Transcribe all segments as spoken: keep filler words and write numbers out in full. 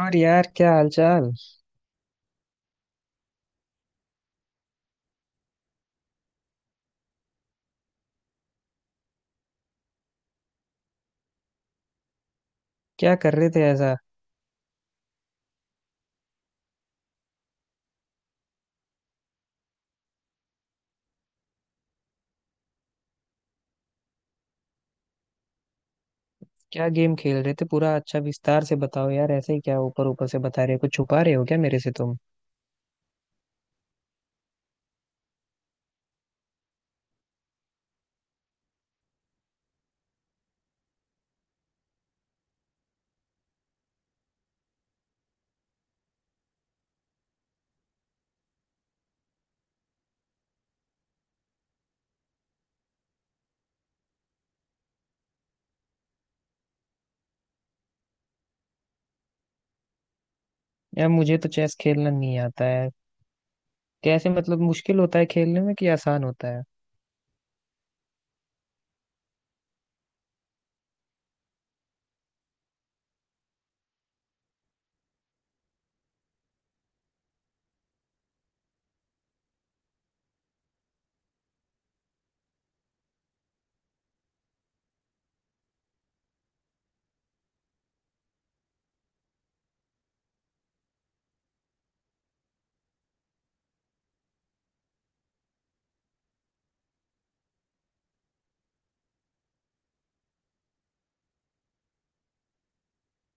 और यार, क्या हालचाल? क्या कर रहे थे ऐसा? क्या गेम खेल रहे थे? पूरा अच्छा विस्तार से बताओ यार। ऐसे ही क्या ऊपर ऊपर से बता रहे हो? कुछ छुपा रहे हो क्या मेरे से तुम? यार, मुझे तो चेस खेलना नहीं आता है। कैसे, मतलब मुश्किल होता है खेलने में कि आसान होता है?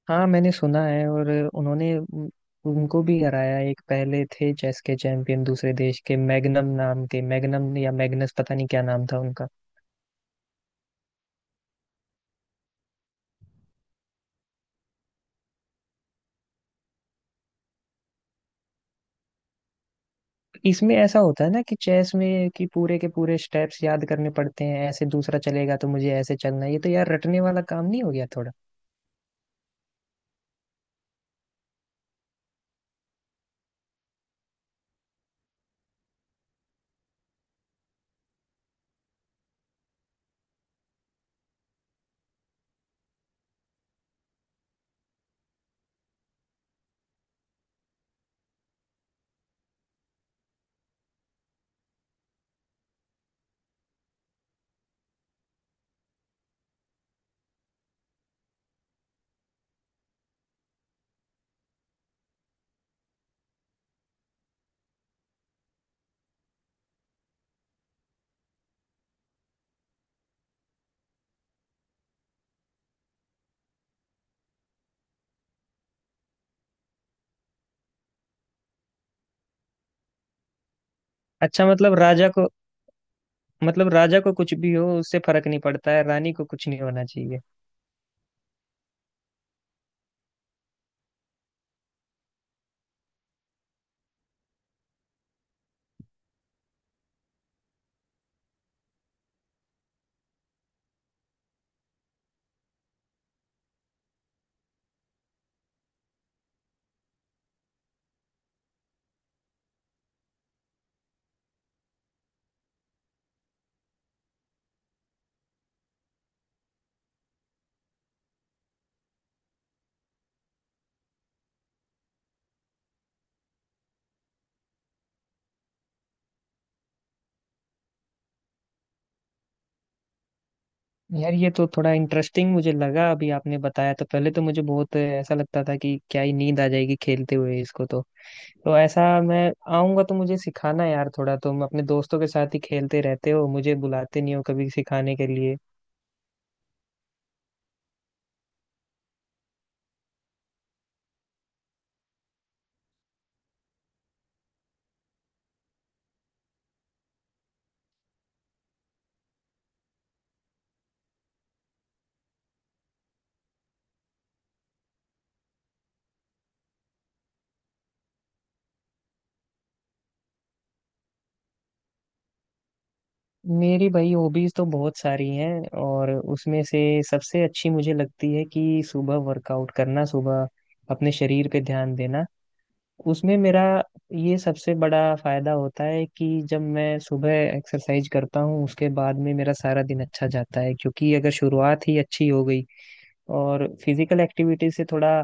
हाँ, मैंने सुना है। और उन्होंने उन- उनको भी हराया। एक पहले थे चेस के चैंपियन दूसरे देश के, मैग्नम नाम के, मैग्नम या मैग्नस, पता नहीं क्या नाम था उनका। इसमें ऐसा होता है ना कि चेस में कि पूरे के पूरे स्टेप्स याद करने पड़ते हैं, ऐसे दूसरा चलेगा तो मुझे ऐसे चलना है। ये तो यार रटने वाला काम नहीं हो गया थोड़ा? अच्छा, मतलब राजा को, मतलब राजा को कुछ भी हो उससे फर्क नहीं पड़ता है, रानी को कुछ नहीं होना चाहिए? यार, ये तो थोड़ा इंटरेस्टिंग मुझे लगा अभी आपने बताया। तो पहले तो मुझे बहुत ऐसा लगता था कि क्या ही नींद आ जाएगी खेलते हुए इसको। तो तो ऐसा, मैं आऊंगा तो मुझे सिखाना यार। थोड़ा तुम अपने दोस्तों के साथ ही खेलते रहते हो, मुझे बुलाते नहीं हो कभी सिखाने के लिए। मेरी भाई हॉबीज तो बहुत सारी हैं, और उसमें से सबसे अच्छी मुझे लगती है कि सुबह वर्कआउट करना, सुबह अपने शरीर पे ध्यान देना। उसमें मेरा ये सबसे बड़ा फायदा होता है कि जब मैं सुबह एक्सरसाइज करता हूँ उसके बाद में मेरा सारा दिन अच्छा जाता है, क्योंकि अगर शुरुआत ही अच्छी हो गई और फिजिकल एक्टिविटी से थोड़ा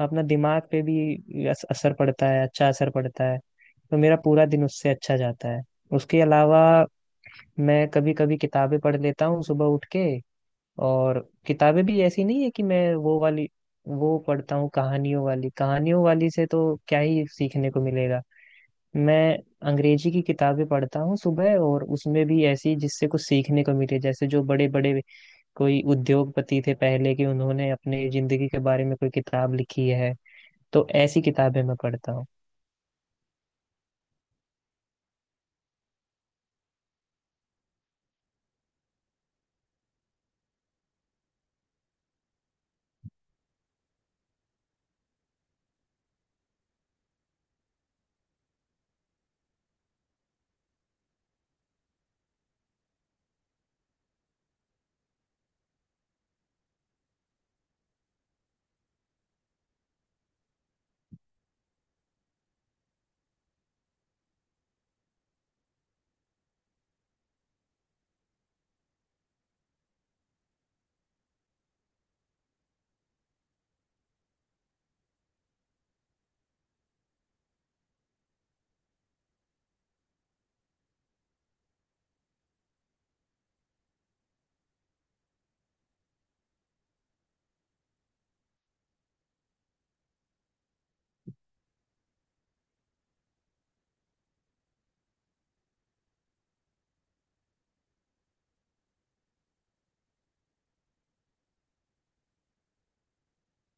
अपना दिमाग पे भी अस- असर पड़ता है, अच्छा असर पड़ता है, तो मेरा पूरा दिन उससे अच्छा जाता है। उसके अलावा मैं कभी कभी किताबें पढ़ लेता हूँ सुबह उठ के। और किताबें भी ऐसी नहीं है कि मैं वो वाली, वो पढ़ता हूँ कहानियों वाली। कहानियों वाली से तो क्या ही सीखने को मिलेगा। मैं अंग्रेजी की किताबें पढ़ता हूँ सुबह, और उसमें भी ऐसी जिससे कुछ सीखने को मिले। जैसे जो बड़े बड़े कोई उद्योगपति थे पहले के, उन्होंने अपने जिंदगी के बारे में कोई किताब लिखी है, तो ऐसी किताबें मैं पढ़ता हूँ।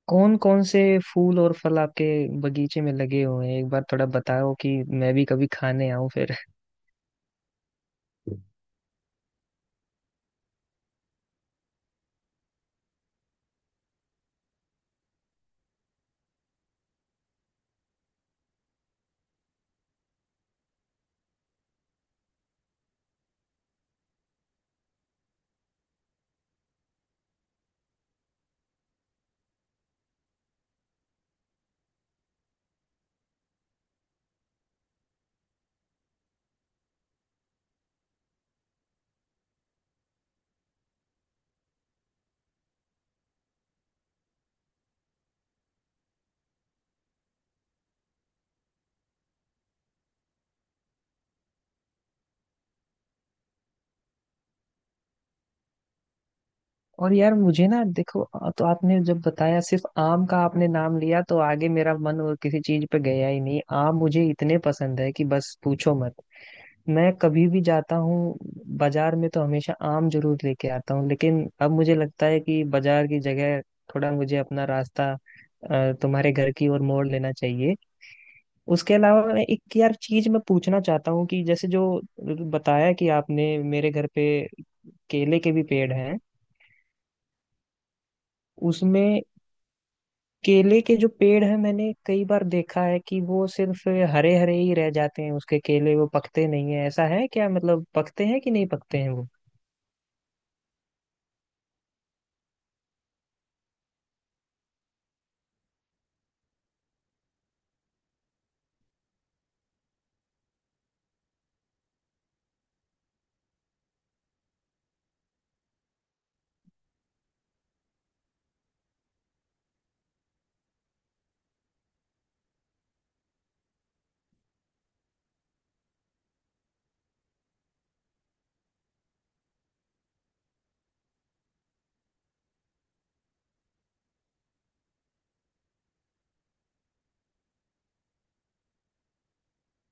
कौन कौन से फूल और फल आपके बगीचे में लगे हुए हैं, एक बार थोड़ा बताओ कि मैं भी कभी खाने आऊं फिर। और यार, मुझे ना देखो, आ- तो आपने जब बताया सिर्फ आम का आपने नाम लिया तो आगे मेरा मन और किसी चीज पे गया ही नहीं। आम मुझे इतने पसंद है कि बस पूछो मत। मैं कभी भी जाता हूँ बाजार में तो हमेशा आम जरूर लेके आता हूँ, लेकिन अब मुझे लगता है कि बाजार की जगह थोड़ा मुझे अपना रास्ता अ, तुम्हारे घर की ओर मोड़ लेना चाहिए। उसके अलावा मैं एक यार चीज मैं पूछना चाहता हूँ कि जैसे जो बताया कि आपने मेरे घर पे केले के भी पेड़ हैं। उसमें केले के जो पेड़ है मैंने कई बार देखा है कि वो सिर्फ हरे हरे ही रह जाते हैं, उसके केले वो पकते नहीं है, ऐसा है क्या? मतलब पकते हैं कि नहीं पकते हैं वो?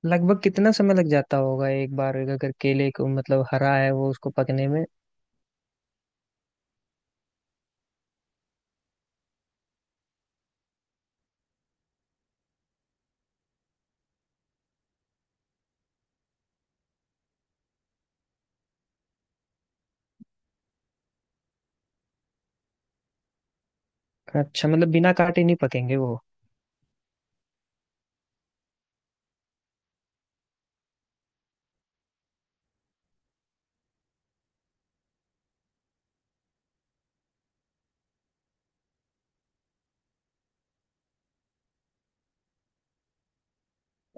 लगभग कितना समय लग जाता होगा एक बार अगर केले को, मतलब हरा है वो, उसको पकने में? अच्छा, मतलब बिना काटे नहीं पकेंगे वो?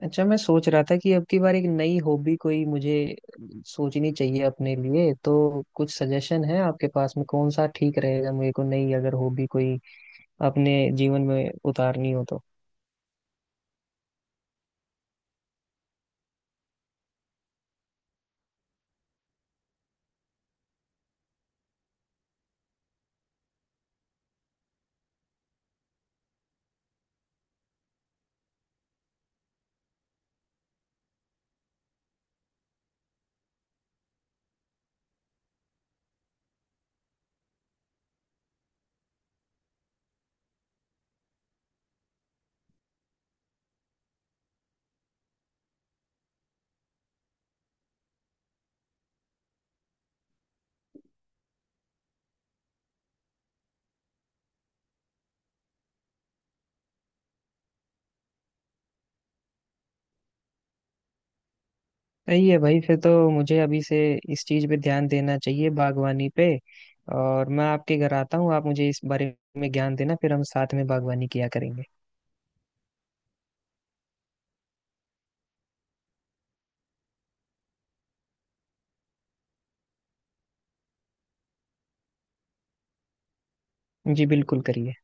अच्छा, मैं सोच रहा था कि अब की बार एक नई हॉबी कोई मुझे सोचनी चाहिए अपने लिए। तो कुछ सजेशन है आपके पास में कौन सा ठीक रहेगा मेरे को, नई अगर हॉबी कोई अपने जीवन में उतारनी हो तो? सही है भाई, फिर तो मुझे अभी से इस चीज पे ध्यान देना चाहिए, बागवानी पे। और मैं आपके घर आता हूँ, आप मुझे इस बारे में ज्ञान देना, फिर हम साथ में बागवानी किया करेंगे। जी, बिल्कुल करिए।